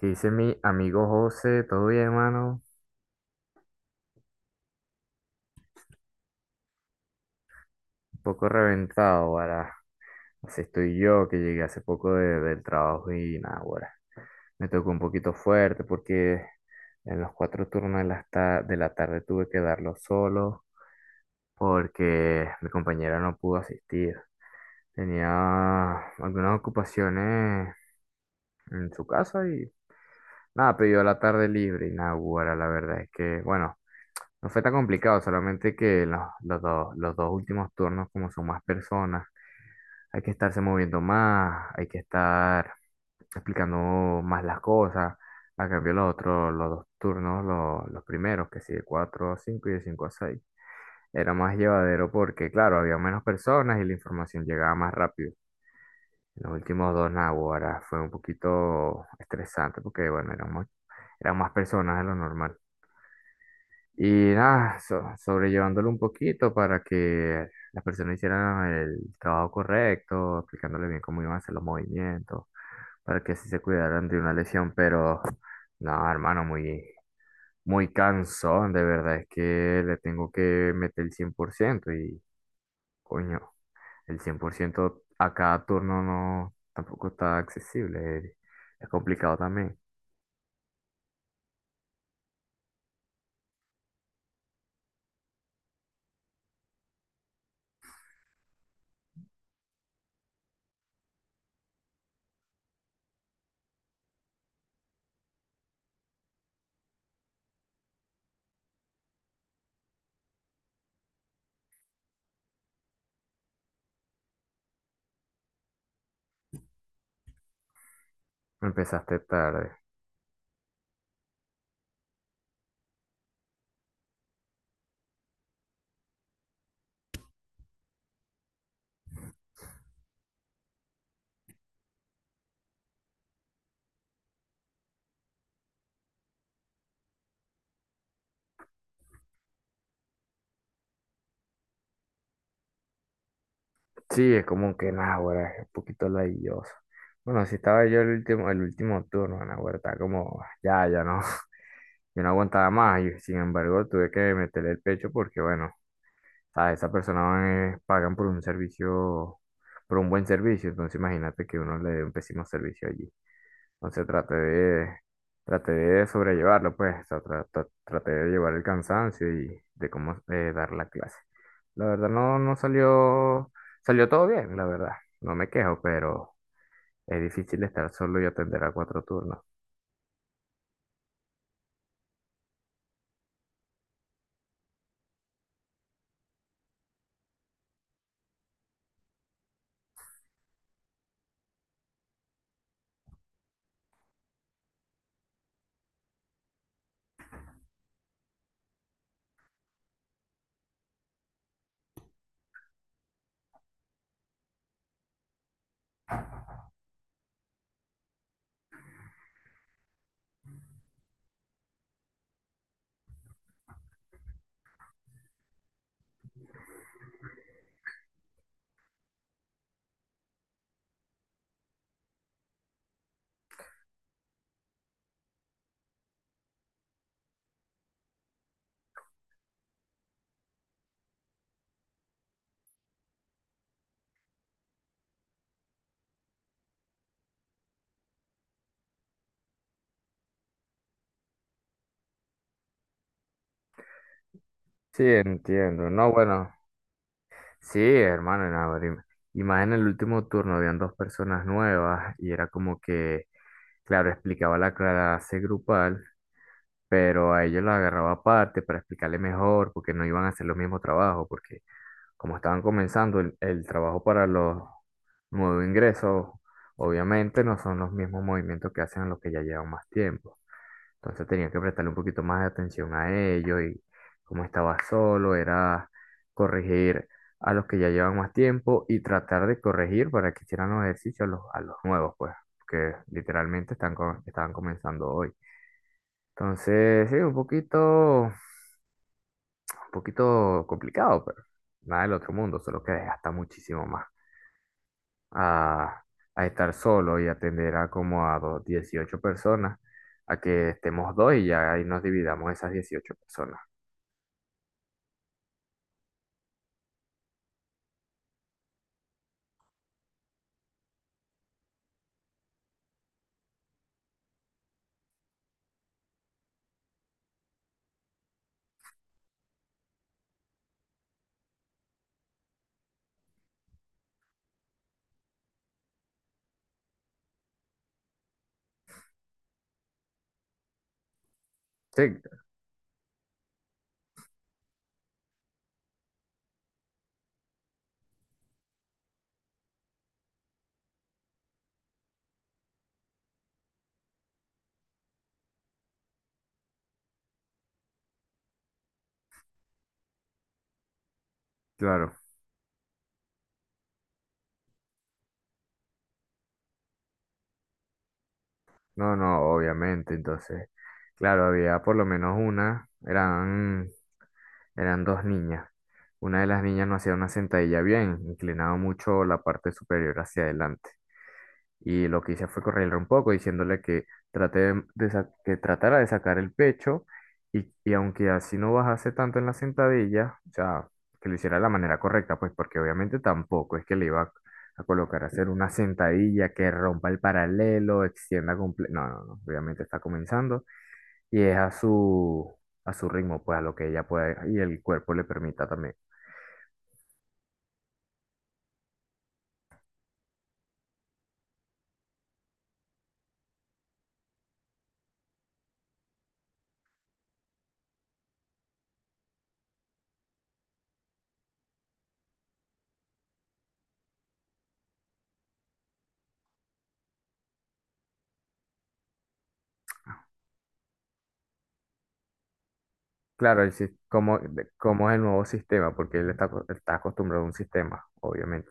¿Qué dice mi amigo José? ¿Todo bien, hermano? Un poco reventado, ahora. Así estoy yo, que llegué hace poco del trabajo y nada, ahora. Me tocó un poquito fuerte porque en los cuatro turnos de de la tarde tuve que darlo solo porque mi compañera no pudo asistir. Tenía algunas ocupaciones en su casa y nada, pidió la tarde libre y nada, guara, la verdad es que, bueno, no fue tan complicado, solamente que los dos últimos turnos, como son más personas, hay que estarse moviendo más, hay que estar explicando más las cosas. A cambio, los otros, los dos turnos, los primeros, que sí, de 4 a 5 y de 5 a 6 era más llevadero porque, claro, había menos personas y la información llegaba más rápido. Los últimos dos naguará fue un poquito estresante porque, bueno, eran más personas de lo normal. Y nada, sobrellevándolo un poquito para que las personas hicieran el trabajo correcto, explicándole bien cómo iban a hacer los movimientos, para que así se cuidaran de una lesión, pero no, hermano, muy cansón, de verdad, es que le tengo que meter el 100% y, coño, el 100% a cada turno no, tampoco está accesible, es complicado también. Empezaste tarde. Sí, es como que, nada, ahora es un poquito ladilloso. Bueno, si estaba yo el último turno, Nahuatl, estaba como, ya, ya no, yo no aguantaba más, y sin embargo tuve que meterle el pecho porque, bueno, sea, esa persona pagan por un servicio, por un buen servicio, entonces imagínate que uno le dé un pésimo servicio allí. Entonces traté de sobrellevarlo, pues, o sea, traté de llevar el cansancio y de cómo dar la clase. La verdad no salió, salió todo bien, la verdad. No me quejo, pero es difícil estar solo y atender a cuatro turnos. Sí, entiendo. No, bueno. Sí, hermano, y nada, y más en el último turno habían dos personas nuevas y era como que, claro, explicaba la clase grupal, pero a ellos la agarraba aparte para explicarle mejor, porque no iban a hacer los mismos trabajos, porque como estaban comenzando el trabajo para los nuevos ingresos, obviamente no son los mismos movimientos que hacen los que ya llevan más tiempo. Entonces tenía que prestarle un poquito más de atención a ellos y como estaba solo, era corregir a los que ya llevan más tiempo y tratar de corregir para que hicieran los ejercicios a a los nuevos, pues, que literalmente están, estaban comenzando hoy. Entonces, sí, un poquito complicado, pero nada del otro mundo, solo que desgasta muchísimo más a, a estar solo y atender a como a 18 personas, a que estemos dos y ya ahí nos dividamos esas 18 personas. Sí, claro. No, no, obviamente. Entonces, claro, había por lo menos una, eran, eran dos niñas. Una de las niñas no hacía una sentadilla bien, inclinaba mucho la parte superior hacia adelante. Y lo que hice fue correrle un poco, diciéndole que, trate de sa- que tratara de sacar el pecho y aunque así no bajase tanto en la sentadilla, o sea, que lo hiciera de la manera correcta, pues porque obviamente tampoco es que le iba a colocar a hacer una sentadilla que rompa el paralelo, extienda completo. No, no, no, obviamente está comenzando y es a su ritmo, pues a lo que ella pueda y el cuerpo le permita también. Claro, el, sis- como, de- como es el nuevo sistema, porque él está, está acostumbrado a un sistema, obviamente.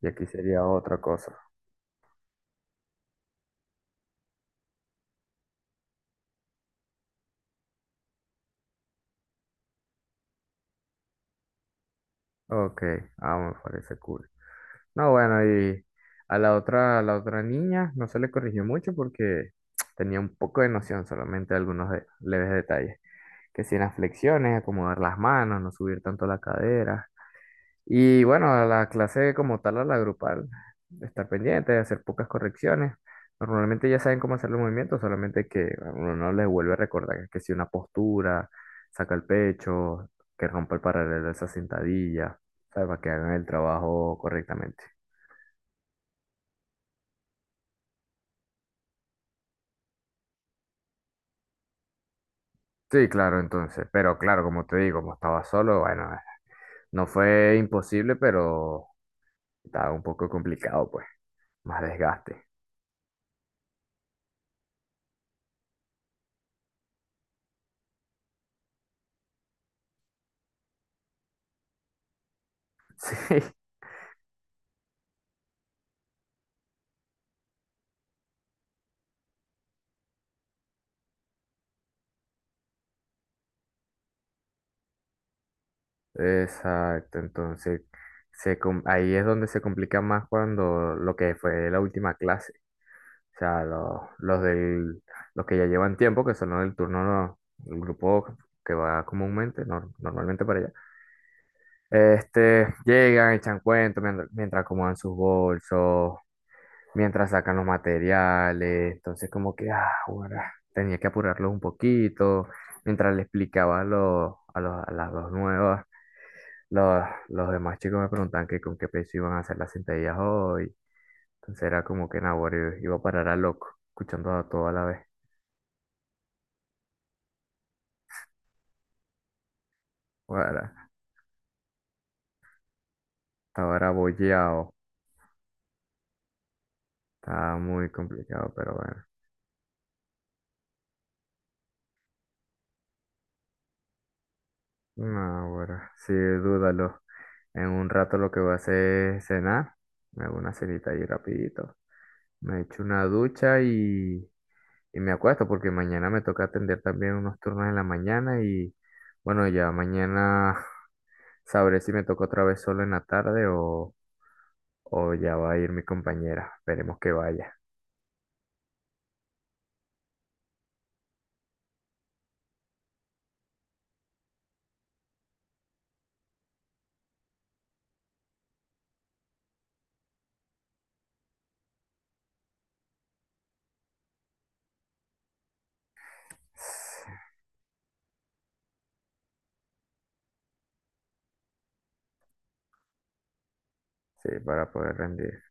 Y aquí sería otra cosa. Ok, ah, me parece cool. No, bueno, y a la otra niña no se le corrigió mucho porque tenía un poco de noción, solamente leves detalles. Que si en las flexiones, acomodar las manos, no subir tanto la cadera. Y bueno, a la clase como tal, a la grupal, estar pendiente, hacer pocas correcciones. Normalmente ya saben cómo hacer los movimientos, solamente que a uno no les vuelve a recordar que si una postura, saca el pecho, que rompa el paralelo de esa sentadilla, ¿sabes? Para que hagan el trabajo correctamente. Sí, claro, entonces, pero claro, como te digo, como estaba solo, bueno, no fue imposible, pero estaba un poco complicado, pues, más desgaste. Sí, exacto, entonces ahí es donde se complica más cuando lo que fue la última clase, o sea, los que ya llevan tiempo, que son los del turno, el grupo que va comúnmente, normalmente para allá, este, llegan, echan cuentos mientras, mientras acomodan sus bolsos mientras sacan los materiales. Entonces, como que, ah, ahora tenía que apurarlos un poquito. Mientras le explicaba a a las dos nuevas, los, los demás chicos me preguntaban que con qué peso iban a hacer las sentadillas hoy. Entonces era como que, nah, ahora iba a parar a loco, escuchando a todo a la vez. Ahora, estaba era bollado, estaba muy complicado, pero bueno. No, bueno, sí, dúdalo. En un rato lo que voy a hacer es cenar. Me hago una cenita ahí rapidito. Me echo una ducha y me acuesto porque mañana me toca atender también unos turnos en la mañana y bueno, ya mañana sabré si me toca otra vez solo en la tarde o ya va a ir mi compañera. Esperemos que vaya. Sí, para poder rendir.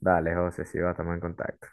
Dale, José, sí, va, estamos en contacto.